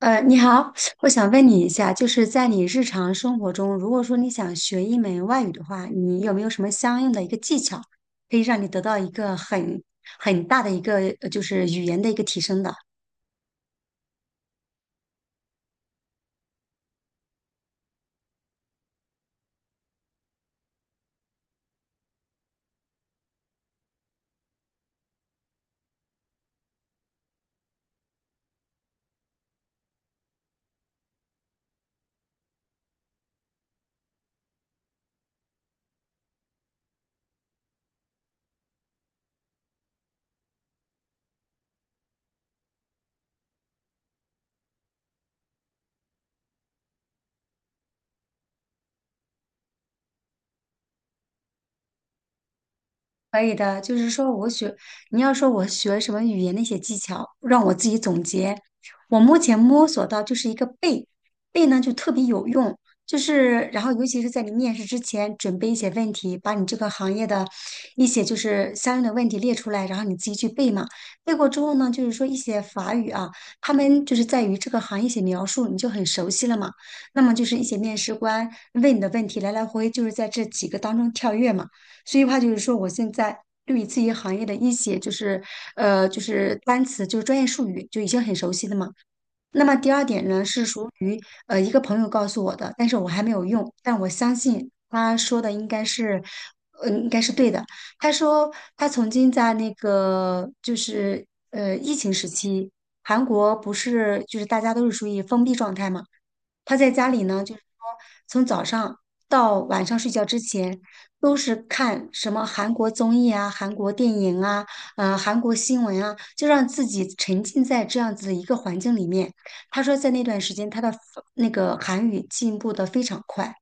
你好，我想问你一下，就是在你日常生活中，如果说你想学一门外语的话，你有没有什么相应的一个技巧，可以让你得到一个很大的一个就是语言的一个提升的？可以的，就是说我学，你要说我学什么语言的一些技巧，让我自己总结。我目前摸索到就是一个背，背呢就特别有用，就是然后尤其是在你面试之前准备一些问题，把你这个行业的一些就是相应的问题列出来，然后你自己去背嘛。背过之后呢，就是说一些法语啊，他们就是在于这个行业一些描述，你就很熟悉了嘛。那么就是一些面试官问你的问题，来来回回就是在这几个当中跳跃嘛。所以话就是说，我现在对于自己行业的一些就是就是单词就是专业术语就已经很熟悉了嘛。那么第二点呢，是属于一个朋友告诉我的，但是我还没有用，但我相信他说的应该是，应该是对的。他说他曾经在那个就是疫情时期，韩国不是就是大家都是属于封闭状态嘛，他在家里呢，就是说从早上到晚上睡觉之前，都是看什么韩国综艺啊、韩国电影啊、韩国新闻啊，就让自己沉浸在这样子的一个环境里面。他说在那段时间他的那个韩语进步的非常快。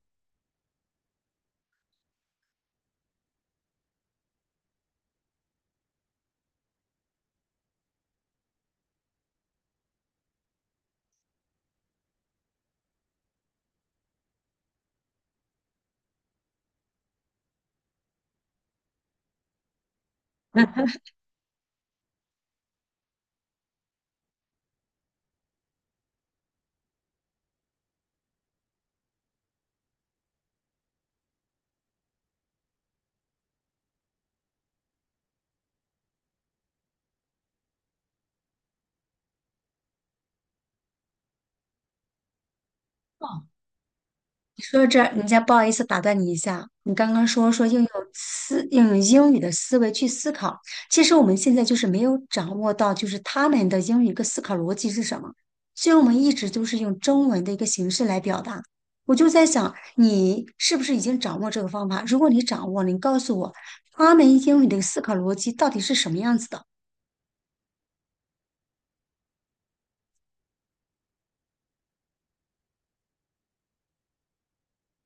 你说到这儿，人家不好意思打断你一下，你刚刚说应用英语的思维去思考，其实我们现在就是没有掌握到，就是他们的英语一个思考逻辑是什么，所以我们一直都是用中文的一个形式来表达。我就在想，你是不是已经掌握这个方法？如果你掌握了，你告诉我，他们英语的思考逻辑到底是什么样子的？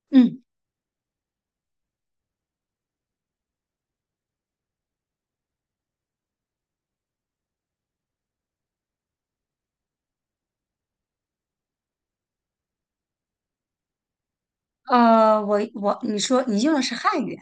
嗯，呃，我你说你用的是汉语。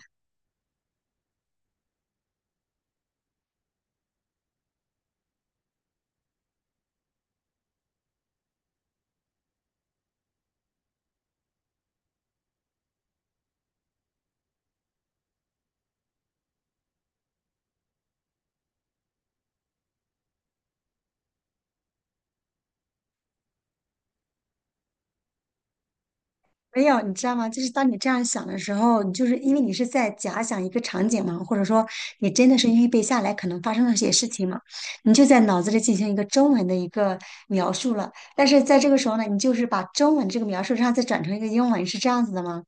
没有，你知道吗？就是当你这样想的时候，你就是因为你是在假想一个场景嘛，或者说你真的是预备下来可能发生的一些事情嘛，你就在脑子里进行一个中文的一个描述了。但是在这个时候呢，你就是把中文这个描述，上再转成一个英文，是这样子的吗？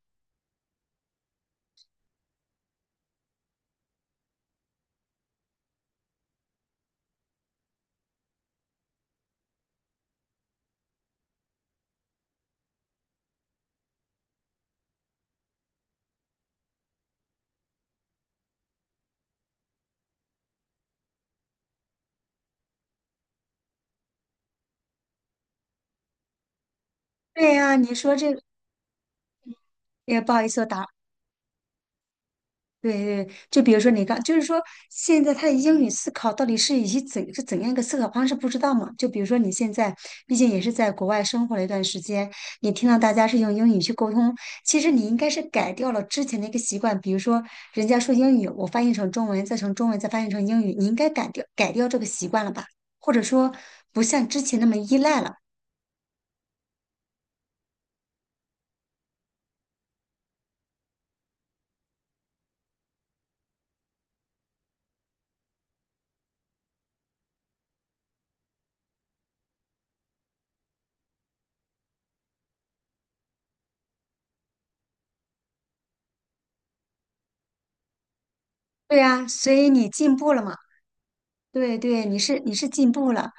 对呀、你说这也不好意思，我打对对，就比如说你刚，就是说现在他的英语思考到底是以及怎是怎样一个思考方式，不知道嘛？就比如说你现在，毕竟也是在国外生活了一段时间，你听到大家是用英语去沟通，其实你应该是改掉了之前的一个习惯，比如说人家说英语，我翻译成中文，再从中文再翻译成英语，你应该改掉这个习惯了吧？或者说不像之前那么依赖了。对啊，所以你进步了嘛？对对，你是进步了。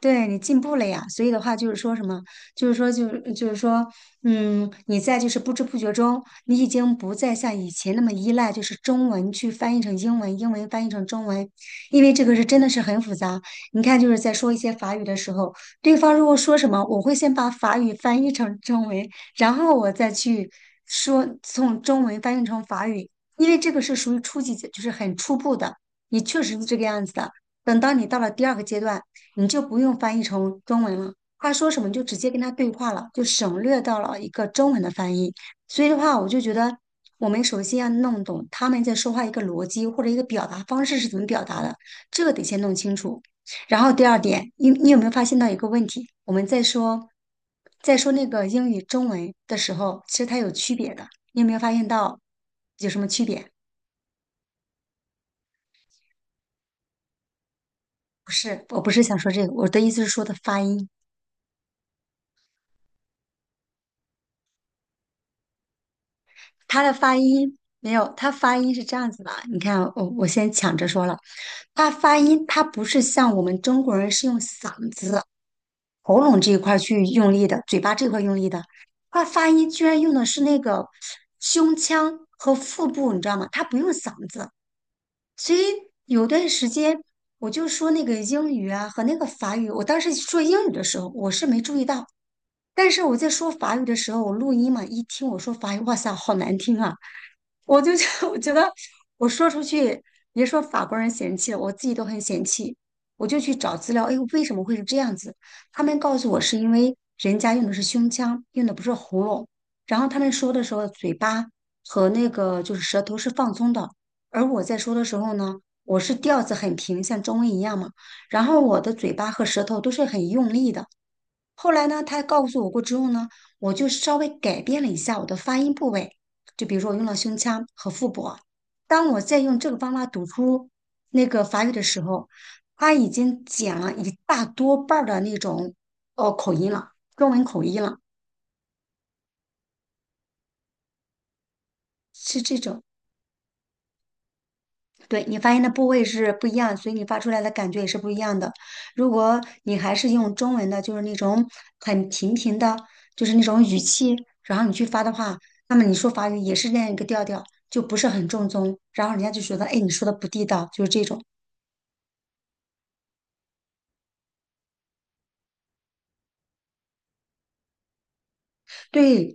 对你进步了呀，所以的话就是说什么，就是说就就是说，嗯，你在就是不知不觉中，你已经不再像以前那么依赖，就是中文去翻译成英文，英文翻译成中文，因为这个是真的是很复杂。你看，就是在说一些法语的时候，对方如果说什么，我会先把法语翻译成中文，然后我再去说从中文翻译成法语，因为这个是属于初级阶，就是很初步的，你确实是这个样子的。等到你到了第二个阶段。你就不用翻译成中文了。他说什么你就直接跟他对话了，就省略到了一个中文的翻译。所以的话，我就觉得我们首先要弄懂他们在说话一个逻辑或者一个表达方式是怎么表达的，这个得先弄清楚。然后第二点，你有没有发现到一个问题？我们在说那个英语中文的时候，其实它有区别的。你有没有发现到有什么区别？不是，我不是想说这个，我的意思是说的发音。他的发音没有，他发音是这样子的。你看，我先抢着说了，他发音他不是像我们中国人是用嗓子、喉咙这一块儿去用力的，嘴巴这块儿用力的，他发音居然用的是那个胸腔和腹部，你知道吗？他不用嗓子，所以有段时间我就说那个英语啊和那个法语，我当时说英语的时候我是没注意到。但是我在说法语的时候，我录音嘛，一听我说法语，哇塞，好难听啊！我就觉得 我觉得我说出去，别说法国人嫌弃了，我自己都很嫌弃。我就去找资料，哎，为什么会是这样子？他们告诉我是因为人家用的是胸腔，用的不是喉咙。然后他们说的时候，嘴巴和那个就是舌头是放松的，而我在说的时候呢，我是调子很平，像中文一样嘛。然后我的嘴巴和舌头都是很用力的，后来呢，他告诉我过之后呢，我就稍微改变了一下我的发音部位，就比如说我用了胸腔和腹部。当我在用这个方法读出那个法语的时候，他已经减了一大多半儿的那种哦口音了，中文口音了，是这种。对你发音的部位是不一样，所以你发出来的感觉也是不一样的。如果你还是用中文的，就是那种很平平的，就是那种语气，然后你去发的话，那么你说法语也是那样一个调调，就不是很正宗，然后人家就觉得，哎，你说的不地道，就是这种。对，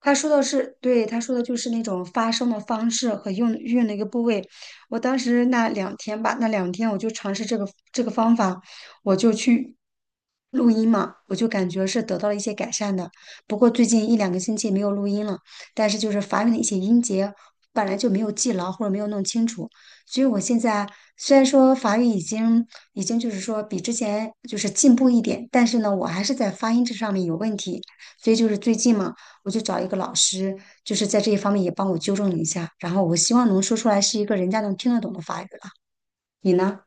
他说的是，对，他说的就是那种发声的方式和用运用的一个部位。我当时那两天吧，那两天我就尝试这个方法，我就去录音嘛，我就感觉是得到了一些改善的。不过最近一两个星期没有录音了，但是就是法语的一些音节本来就没有记牢或者没有弄清楚，所以我现在虽然说法语已经就是说比之前就是进步一点，但是呢，我还是在发音这上面有问题。所以就是最近嘛，我就找一个老师，就是在这一方面也帮我纠正了一下，然后我希望能说出来是一个人家能听得懂的法语了。你呢？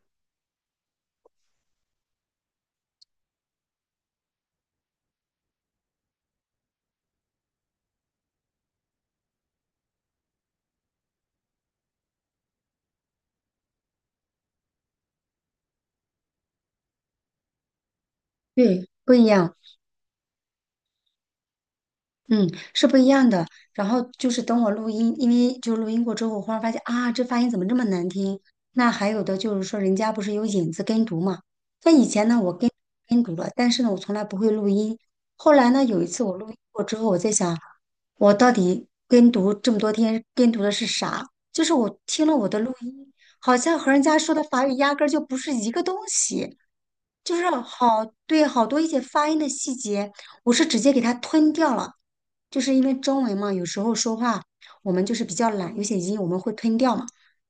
对，不一样，嗯，是不一样的。然后就是等我录音，因为就录音过之后，我忽然发现啊，这发音怎么这么难听？那还有的就是说，人家不是有引子跟读嘛？那以前呢，我跟读了，但是呢，我从来不会录音。后来呢，有一次我录音过之后，我在想，我到底跟读这么多天跟读的是啥？就是我听了我的录音，好像和人家说的法语压根儿就不是一个东西。就是好，对，好多一些发音的细节，我是直接给它吞掉了，就是因为中文嘛，有时候说话我们就是比较懒，有些音我们会吞掉嘛。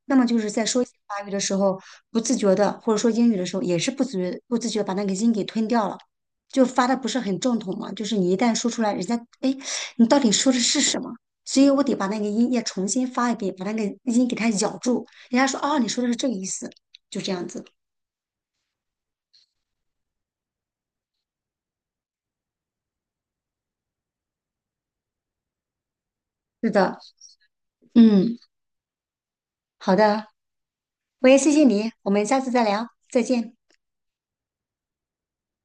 那么就是在说一些法语的时候，不自觉的，或者说英语的时候，也是不自觉把那个音给吞掉了，就发的不是很正统嘛。就是你一旦说出来，人家哎，你到底说的是什么？所以我得把那个音也重新发一遍，把那个音给它咬住，人家说哦，你说的是这个意思，就这样子。是的，嗯。好的，我也谢谢你，我们下次再聊，再见。